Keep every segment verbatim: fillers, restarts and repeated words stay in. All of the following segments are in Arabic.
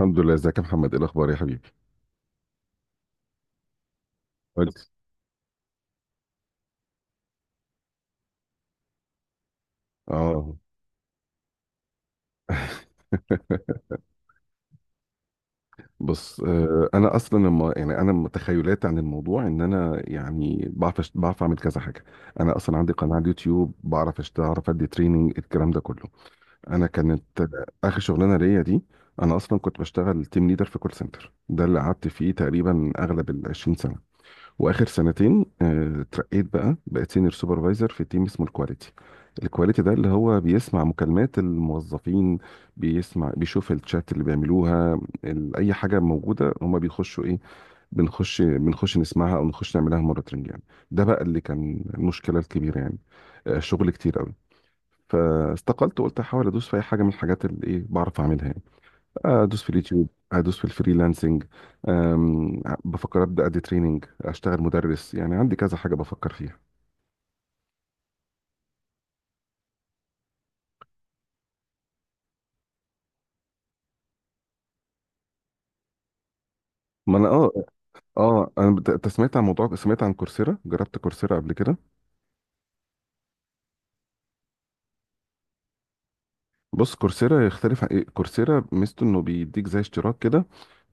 الحمد لله. ازيك يا محمد؟ ايه الاخبار يا حبيبي؟ كويس. اه. بص، آه، انا اصلا لما يعني انا تخيلاتي عن الموضوع ان انا يعني بعرف أشت- بعرف اعمل كذا حاجه. انا اصلا عندي قناه على اليوتيوب، بعرف اشتغل، اعرف ادي تريننج، الكلام ده كله. انا كانت آه، اخر شغلانه ليا دي. انا اصلا كنت بشتغل تيم ليدر في كول سنتر، ده اللي قعدت فيه تقريبا اغلب ال عشرين سنه. واخر سنتين آه، اترقيت بقى، بقيت سينيور سوبرفايزر في تيم اسمه الكواليتي. الكواليتي ده اللي هو بيسمع مكالمات الموظفين، بيسمع بيشوف الشات اللي بيعملوها. ال- اي حاجه موجوده هما بيخشوا ايه، بنخش بنخش نسمعها او نخش نعملها مونيتورنج يعني. ده بقى اللي كان المشكله الكبيره يعني. آه، شغل كتير قوي. فاستقلت وقلت احاول ادوس في اي حاجه من الحاجات اللي ايه بعرف اعملها يعني. ادوس في اليوتيوب، ادوس في الفريلانسنج. أم، بفكر ابدا ادي تريننج، اشتغل مدرس، يعني عندي كذا حاجه بفكر فيها. ما انا اه. اه انا بت- أنت سمعت عن موضوع، سمعت عن كورسيرا، جربت كورسيرا قبل كده؟ بص كورسيرا يختلف عن ايه، كورسيرا ميزته انه بيديك زي اشتراك كده،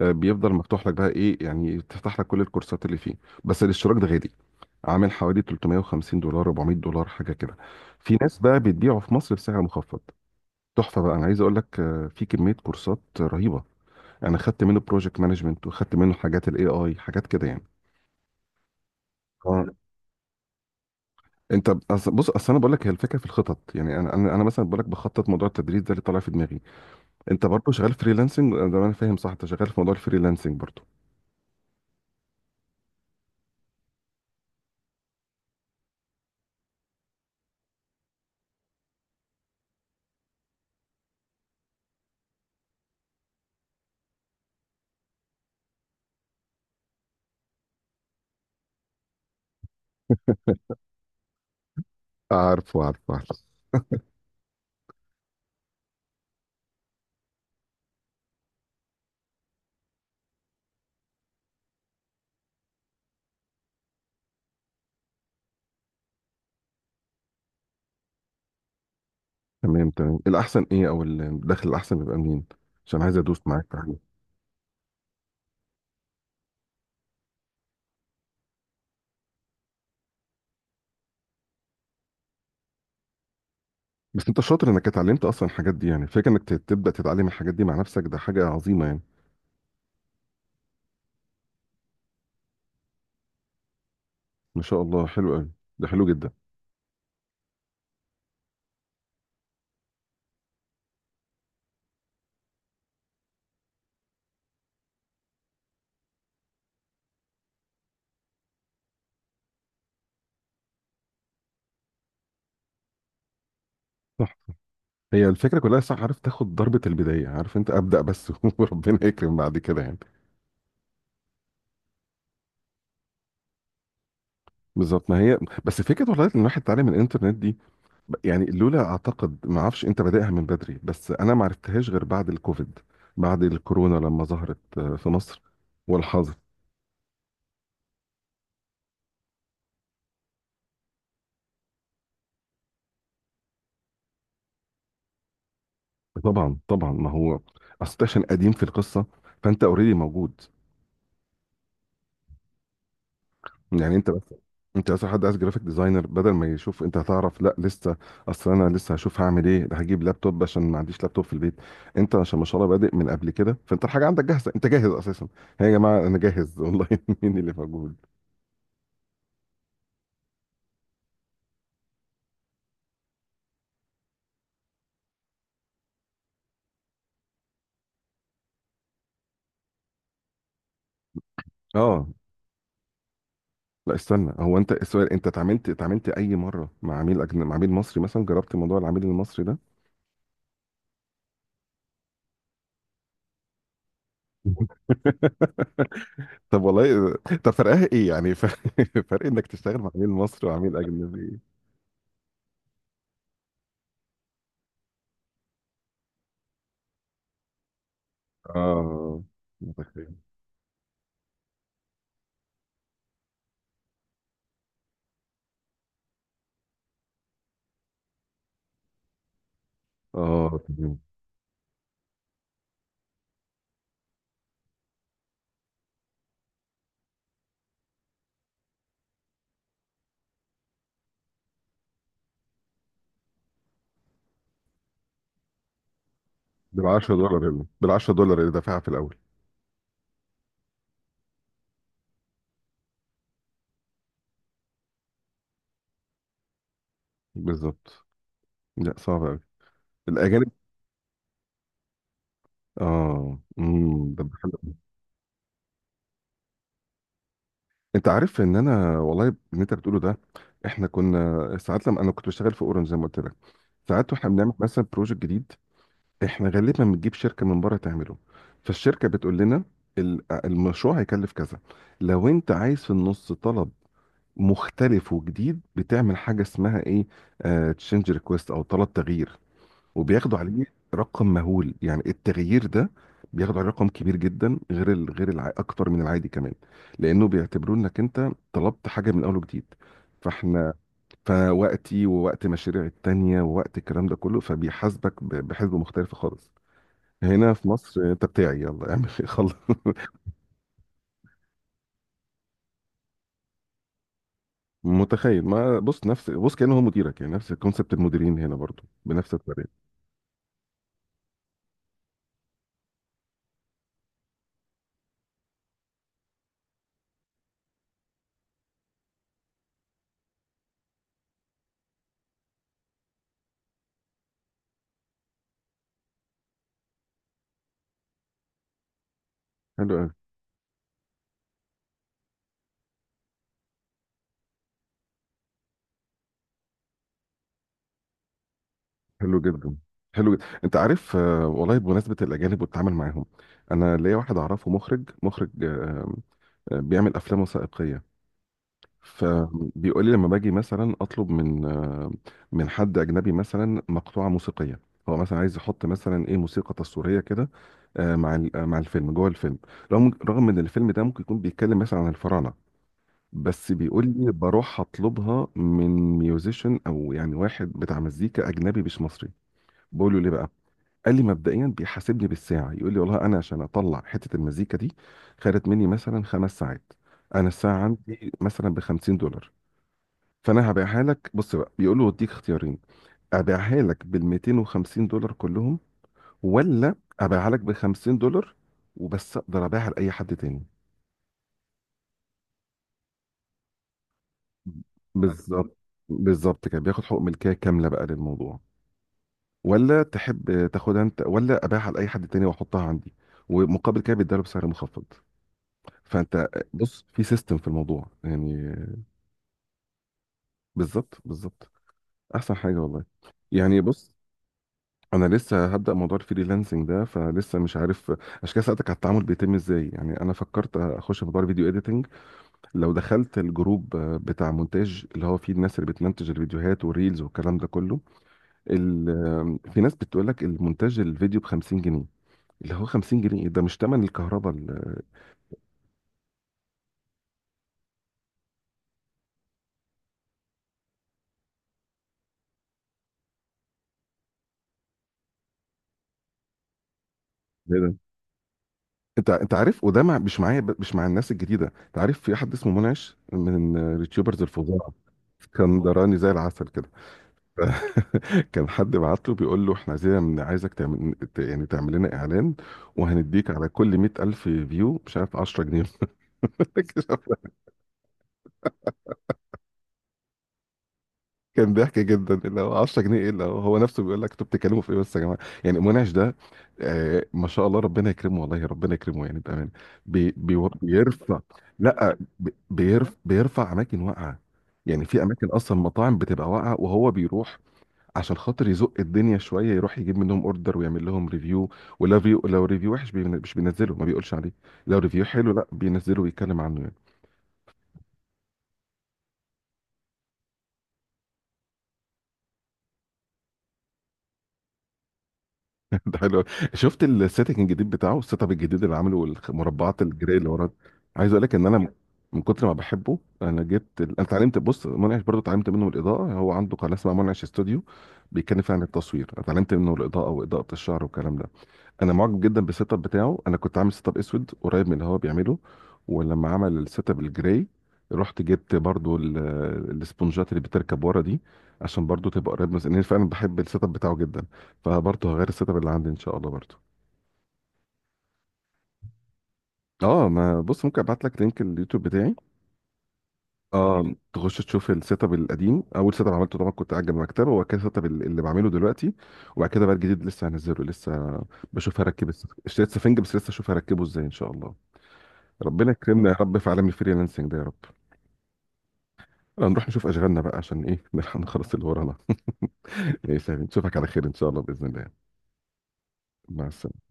آه، بيفضل مفتوح لك بقى ايه يعني، تفتح لك كل الكورسات اللي فيه. بس الاشتراك ده غالي، عامل حوالي تلتمية وخمسين دولار أربعمائة دولار حاجه كده. في ناس بقى بتبيعه في مصر بسعر مخفض. تحفه بقى، انا عايز اقول لك آه، في كميه كورسات رهيبه. انا خدت منه بروجكت مانجمنت، وخدت منه حاجات الاي اي حاجات كده يعني. اه. انت أص- بص اصل انا بقول لك، هي الفكره في الخطط يعني، انا انا أنا مثلا بقول لك بخطط موضوع التدريس ده اللي طالع في دماغي. انت برضه شغال فريلانسنج ده، انا فاهم صح؟ انت شغال في موضوع الفريلانسنج برضه. عارفه عارفه عارفه. تمام تمام. الاحسن ايه او الدخل الاحسن بيبقى منين؟ عشان عايز ادوس معاك في حاجه. بس انت شاطر انك اتعلمت اصلا الحاجات دي، يعني فكره انك تبدا تتعلم الحاجات دي مع نفسك، ده حاجه عظيمه يعني. ما شاء الله، حلو قوي. ده حلو جدا. هي الفكره كلها صح، عارف تاخد ضربه البدايه، عارف انت ابدا بس وربنا يكرم بعد كده يعني. بالظبط. ما هي بس فكره والله ان الواحد اتعلم من الانترنت دي. ب- يعني لولا اعتقد ما اعرفش، انت بادئها من بدري، بس انا ما عرفتهاش غير بعد الكوفيد، بعد الكورونا لما ظهرت آه، في مصر والحظر. طبعا طبعا. ما هو اصل أنت عشان قديم في القصه، فانت اوريدي موجود. يعني انت بس، انت اصلا حد عايز جرافيك ديزاينر بدل ما يشوف انت هتعرف، لا لسه. اصل انا لسه هشوف هعمل ايه، ده هجيب لابتوب عشان ما عنديش لابتوب في البيت. انت عشان ما شاء الله بادئ من قبل كده، فانت الحاجه عندك جاهزه، انت جاهز اساسا. هي يا جماعه انا جاهز والله مين اللي موجود. اه. لا استنى، هو انت السؤال، انت اتعاملت اتعاملت اي مره مع عميل أجن... مع عميل مصري مثلا؟ جربت موضوع العميل المصري ده؟ طب والله. طب فرقها ايه يعني؟ فرق, فرق انك تشتغل مع عميل مصري وعميل اجنبي. اه اه. تمام. بال عشرة دولار هنا، بال عشرة دولار اللي دافعها في الاول. بالظبط. لا صعب قوي الاجانب. اه. امم ده بحلو. انت عارف ان انا والله اللي انت بتقوله ده، احنا كنا ساعات لما انا كنت بشتغل في اورنج زي ما قلت لك، ساعات واحنا بنعمل مثلا بروجكت جديد، احنا غالبا بنجيب شركه من بره تعمله. فالشركه بتقول لنا ال- المشروع هيكلف كذا، لو انت عايز في النص طلب مختلف وجديد، بتعمل حاجه اسمها ايه، تشينج ريكويست او طلب تغيير. وبياخدوا عليه رقم مهول يعني، التغيير ده بياخدوا عليه رقم كبير جدا، غير ال... غير الع... اكتر من العادي كمان، لانه بيعتبروا انك انت طلبت حاجه من اول وجديد. فاحنا، فوقتي ووقت مشاريع التانية ووقت الكلام ده كله، فبيحاسبك ب... بحسبة مختلفة خالص. هنا في مصر انت بتاعي، يلا اعمل إيه، خلص متخيل، ما بص نفس، بص كأنه هو مديرك يعني، نفس كونسبت المديرين هنا برضو بنفس الطريقة. حلو قوي. حلو جدا. حلو جدا. انت عارف آه، والله بمناسبه الاجانب والتعامل معاهم، انا ليا واحد اعرفه مخرج، مخرج آه، آه، بيعمل افلام وثائقيه. فبيقول لي لما باجي مثلا اطلب من آه، من حد اجنبي مثلا مقطوعه موسيقيه، هو مثلا عايز يحط مثلا ايه موسيقى تصويريه كده، آه، مع ال- آه، مع الفيلم، جوه الفيلم، رغم رغم ان الفيلم ده ممكن يكون بيتكلم مثلا عن الفراعنه، بس بيقول لي بروح اطلبها من ميوزيشن او يعني واحد بتاع مزيكا اجنبي مش مصري. بقول له ليه بقى؟ قال لي مبدئيا بيحاسبني بالساعه، يقول لي والله انا عشان اطلع حته المزيكا دي خدت مني مثلا خمس ساعات، انا الساعه عندي مثلا ب خمسين دولار، فانا هبيعها لك. بص بقى بيقول له وديك اختيارين، ابيعها لك بال ميتين وخمسين دولار كلهم، ولا ابيعها لك ب خمسين دولار وبس، اقدر ابيعها لاي حد تاني. بالظبط. بالظبط كده، بياخد حقوق ملكيه كامله بقى للموضوع. ولا تحب تاخدها انت، ولا ابيعها لاي حد تاني واحطها عندي، ومقابل كده بيديها له بسعر مخفض. فانت بص في سيستم في الموضوع يعني. بالظبط بالظبط. احسن حاجه والله. يعني بص انا لسه هبدا موضوع الفريلانسنج ده، فلسه مش عارف، عشان كده سالتك على التعامل بيتم ازاي. يعني انا فكرت اخش في موضوع الفيديو اديتنج، لو دخلت الجروب بتاع مونتاج اللي هو فيه الناس اللي بتمنتج الفيديوهات والريلز والكلام ده كله، ال- في ناس بتقول لك المونتاج الفيديو ب خمسين جنيه. اللي هو خمسين جنيه ده مش تمن الكهرباء. انت انت عارف، وده مع... مش معايا ب- مش مع الناس الجديده. انت عارف في حد اسمه منعش من اليوتيوبرز الفظاع، اسكندراني زي العسل كده كان حد بعت له بيقول له احنا عايزين من- عايزك تعمل ت- يعني تعمل لنا اعلان، وهنديك على كل 100000 ألف فيو مش عارف عشرة جنيه كان ضحك جدا، اللي هو عشر جنيه ايه، اللي هو هو نفسه بيقول لك انتوا بتتكلموا في ايه بس يا جماعه؟ يعني منعش ده، آه ما شاء الله، ربنا يكرمه والله، ربنا يكرمه يعني بامانه. بي بي بيرفع. لا بي- بيرف بيرفع اماكن واقعه، يعني في اماكن اصلا مطاعم بتبقى واقعه وهو بيروح عشان خاطر يزق الدنيا شويه، يروح يجيب منهم اوردر ويعمل لهم ريفيو. ولو ريفيو، لو ريفيو وحش بين- مش بينزله، ما بيقولش عليه. لو ريفيو حلو، لا بينزله ويتكلم عنه يعني. ده حلو أوي. شفت السيتنج الجديد بتاعه، السيت اب الجديد اللي عامله والمربعات الجراي اللي ورا؟ عايز اقول لك ان انا من كتر ما بحبه انا جبت ال... انا اتعلمت، بص منعش برضو اتعلمت منه الاضاءه، هو عنده قناه اسمها منعش استوديو، بيتكلم فيها عن التصوير. اتعلمت منه الاضاءه واضاءه الشعر والكلام ده. انا معجب جدا بالسيت اب بتاعه. انا كنت عامل سيت اب اسود قريب من اللي هو بيعمله، ولما عمل السيت اب الجراي رحت جبت برضو ال- الاسبونجات اللي بتركب ورا دي، عشان برضو تبقى قريب من، لأن فعلا بحب السيت اب بتاعه جدا، فبرضو هغير السيت اب اللي عندي ان شاء الله برضو. اه ما بص، ممكن ابعت لك لينك اليوتيوب بتاعي. اه تخش تشوف السيت اب القديم، اول سيت اب عملته طبعا كنت قاعد جنب المكتبه، وبعد كده السيت اب اللي بعمله دلوقتي، وبعد كده بقى الجديد لسه هنزله لسه، بشوف هركب الس- اشتريت سفنج بس لسه اشوف هركبه ازاي ان شاء الله. ربنا يكرمنا يا رب في عالم الفريلانسنج ده يا رب. هنروح نشوف اشغالنا بقى عشان ايه نلحق نخلص اللي ورانا. ماشي يا حبيبي. نشوفك على خير ان شاء الله باذن الله. مع السلامه.